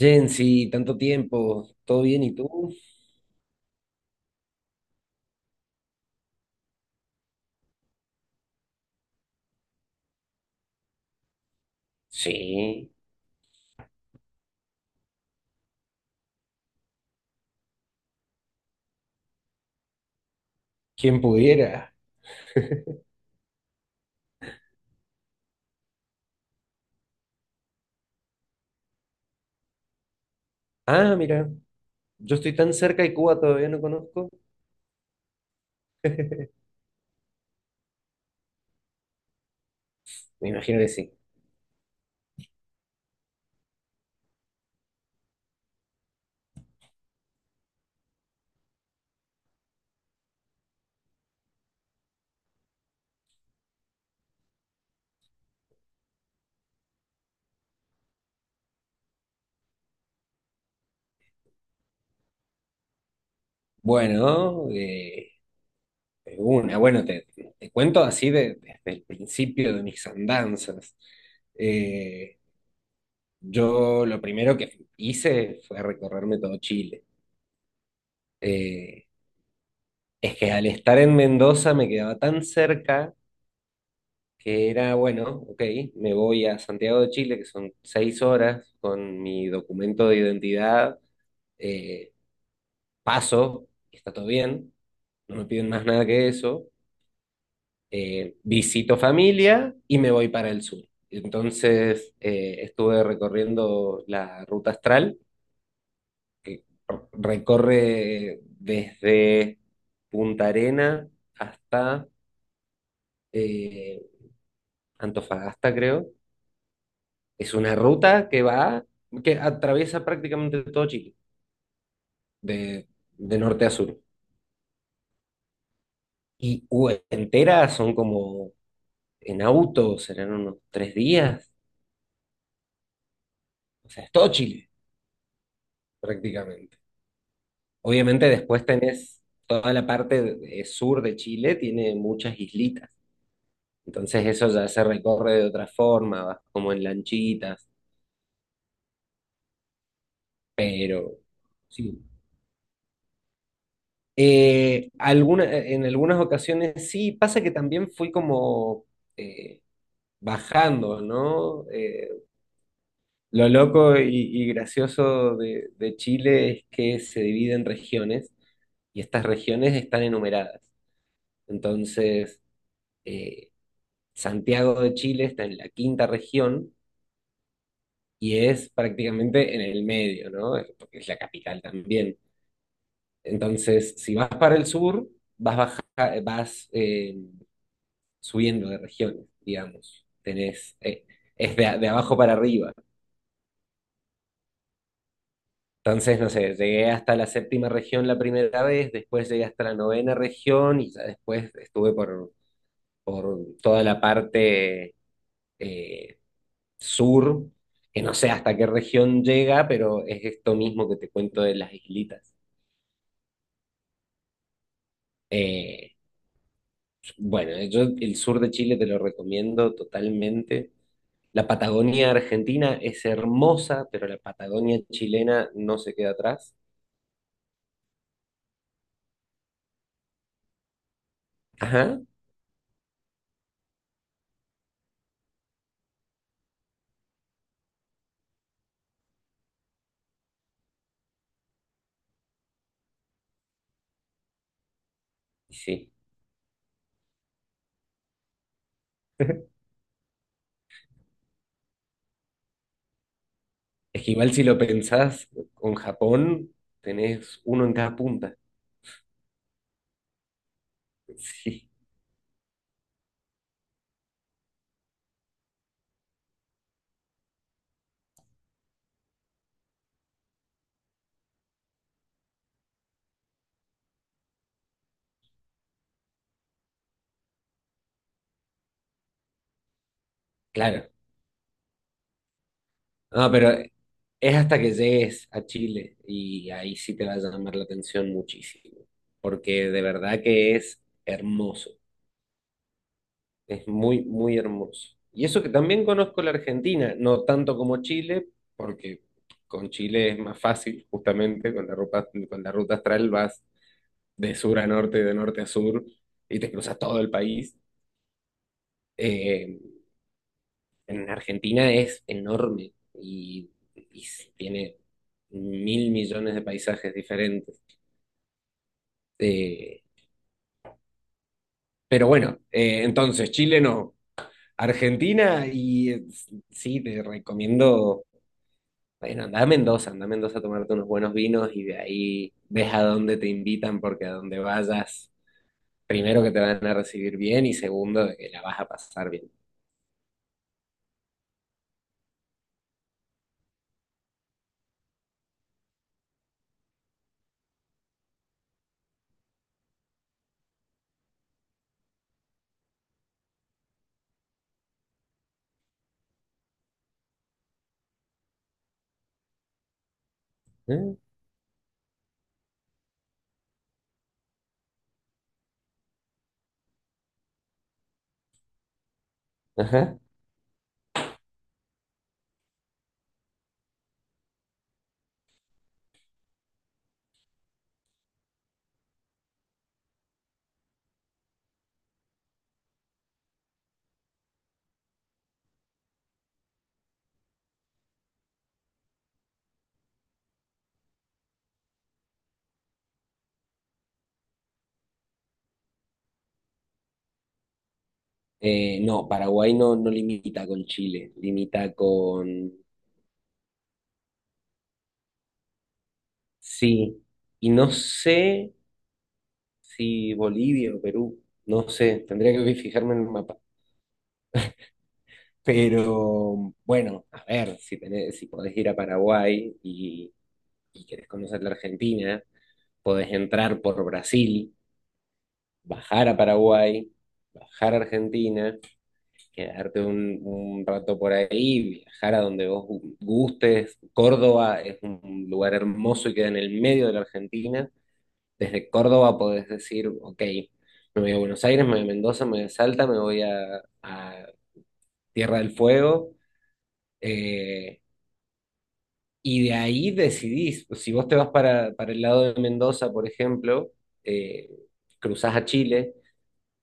Jensi, tanto tiempo, ¿todo bien y tú? Sí, quien pudiera. Ah, mira, yo estoy tan cerca de Cuba, todavía no conozco. Me imagino que sí. Bueno, una, bueno, te cuento así desde el principio de mis andanzas. Eh, yo lo primero que hice fue recorrerme todo Chile. Eh, es que al estar en Mendoza me quedaba tan cerca que era, bueno, ok, me voy a Santiago de Chile, que son 6 horas, con mi documento de identidad, eh, paso, y está todo bien, no me piden más nada que eso, visito familia y me voy para el sur. Entonces estuve recorriendo la ruta astral, que recorre desde Punta Arena hasta eh, Antofagasta, creo. Es una ruta que va, que atraviesa prácticamente todo Chile, de, de norte a sur. Y entera son como en auto, serán unos 3 días. O sea, es todo Chile, prácticamente. Obviamente después tenés toda la parte sur de Chile, tiene muchas islitas. Entonces eso ya se recorre de otra forma, vas como en lanchitas, pero sí. En algunas ocasiones sí, pasa que también fui como... eh, bajando, ¿no? Lo loco y gracioso de Chile es que se divide en regiones y estas regiones están enumeradas. Entonces, eh, Santiago de Chile está en la quinta región y es prácticamente en el medio, ¿no? Porque es la capital también. Entonces, si vas para el sur, vas subiendo de regiones, digamos. Es de abajo para arriba. Entonces, no sé, llegué hasta la séptima región la primera vez, después llegué hasta la novena región y ya después estuve por toda la parte eh, sur, que no sé hasta qué región llega, pero es esto mismo que te cuento de las islitas. Eh, bueno, yo el sur de Chile te lo recomiendo totalmente. La Patagonia argentina es hermosa, pero la Patagonia chilena no se queda atrás. Ajá, sí. Es que igual si lo pensás con Japón, tenés uno en cada punta. Sí, claro. No, pero es hasta que llegues a Chile y ahí sí te va a llamar la atención muchísimo, porque de verdad que es hermoso, es muy, muy hermoso. Y eso que también conozco la Argentina, no tanto como Chile, porque con Chile es más fácil, justamente, con la ruta astral vas de sur a norte, de norte a sur, y te cruzas todo el país. Eh, en Argentina es enorme y tiene mil millones de paisajes diferentes. Eh, pero bueno, entonces Chile no, Argentina y sí, te recomiendo, bueno, anda a Mendoza a tomarte unos buenos vinos y de ahí ves a dónde te invitan porque a donde vayas, primero que te van a recibir bien y segundo que la vas a pasar bien. ¿Eh? Ajá. No, Paraguay no limita con Chile, limita con. Sí, y no sé si Bolivia o Perú, no sé, tendría que fijarme en el mapa. Pero bueno, a ver, si podés ir a Paraguay y querés conocer la Argentina, podés entrar por Brasil, bajar a Paraguay, bajar a Argentina, quedarte un rato por ahí, viajar a donde vos gustes. Córdoba es un lugar hermoso y queda en el medio de la Argentina. Desde Córdoba podés decir, ok, me voy a Buenos Aires, me voy a Mendoza, me voy a Salta, me voy a Tierra del Fuego. eh, y de ahí decidís, pues, si vos te vas para el lado de Mendoza, por ejemplo, eh, cruzás a Chile,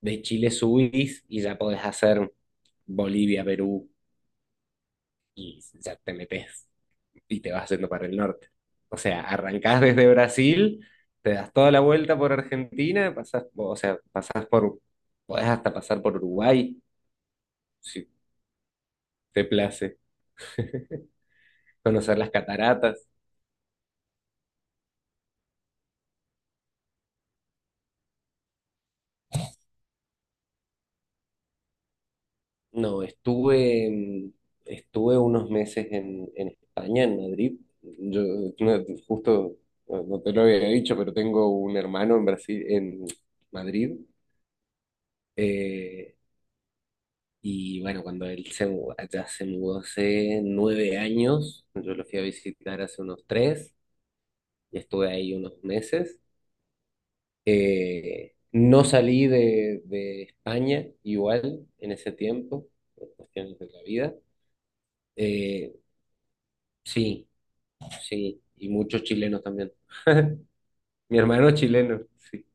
de Chile subís y ya podés hacer Bolivia, Perú y ya te metés. Y te vas haciendo para el norte. O sea, arrancás desde Brasil, te das toda la vuelta por Argentina, pasás, o sea, pasás por, podés hasta pasar por Uruguay, si te place, conocer las cataratas. No, estuve, estuve unos meses en España, en Madrid. Yo no, justo, no te lo había dicho, pero tengo un hermano en Brasil, en Madrid. Eh, Y bueno, cuando allá se mudó hace 9 años, yo lo fui a visitar hace unos tres y estuve ahí unos meses. No salí de España igual en ese tiempo, por cuestiones de la vida. Eh, sí, sí, y muchos chilenos también. Mi hermano es chileno, sí.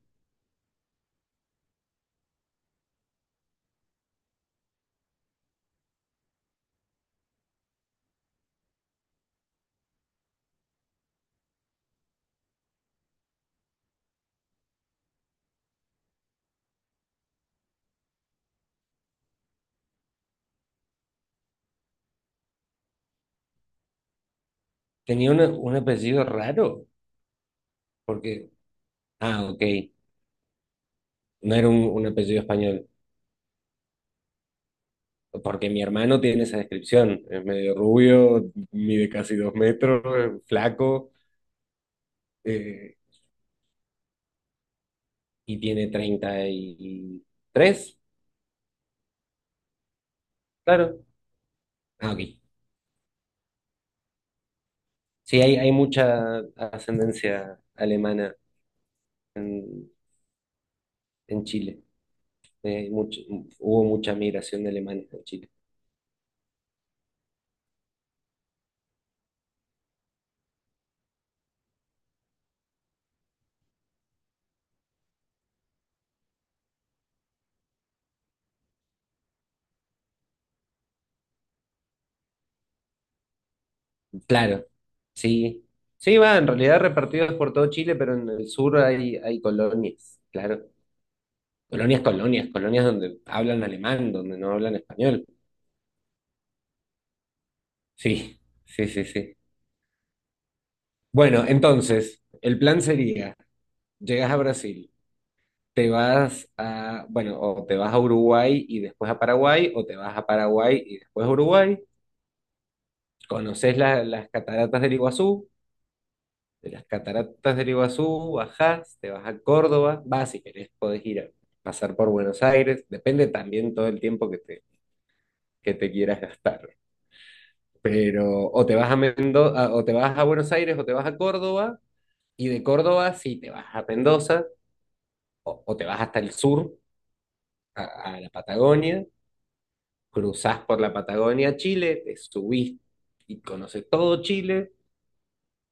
Tenía un apellido raro, porque, ah, ok, no era un apellido español. Porque mi hermano tiene esa descripción, es medio rubio, mide casi 2 metros, es flaco, eh, y tiene 33. Claro. Ah, ok. Sí, hay mucha ascendencia alemana en, en Chile. Eh, mucho- hubo mucha migración de alemanes a Chile. Claro, sí. Sí, va, en realidad repartidos por todo Chile, pero en el sur hay colonias, claro. Colonias, colonias, colonias donde hablan alemán, donde no hablan español. Sí, sí, sí, sí. Bueno, entonces, el plan sería, llegas a Brasil, te vas a, bueno, o te vas a Uruguay y después a Paraguay, o te vas a Paraguay y después a Uruguay, conoces las cataratas del Iguazú, de las cataratas del Iguazú bajás, te vas a Córdoba, vas si querés, podés ir a pasar por Buenos Aires, depende también todo el tiempo que te, quieras gastar. Pero o te vas a Mendoza, o te vas a Buenos Aires, o te vas a Córdoba. Y de Córdoba, si te vas a Mendoza o te vas hasta el sur, a, a la Patagonia, cruzás por la Patagonia a Chile, te subís y conoces todo Chile,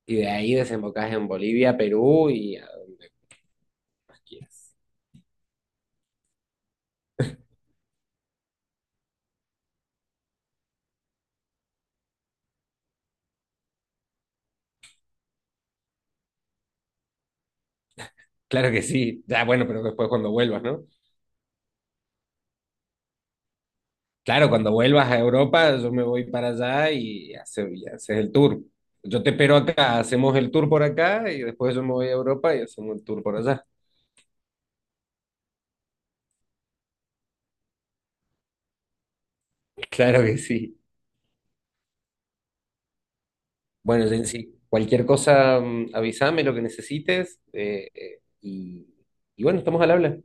y de ahí desembocás en Bolivia, Perú y a donde quieras. Claro que sí, ya bueno, pero después cuando vuelvas, ¿no? Claro, cuando vuelvas a Europa, yo me voy para allá y haces el tour. Yo te espero acá, hacemos el tour por acá y después yo me voy a Europa y hacemos el tour por allá. Claro que sí. Bueno, Jensi, cualquier cosa, avísame lo que necesites y bueno, estamos al habla.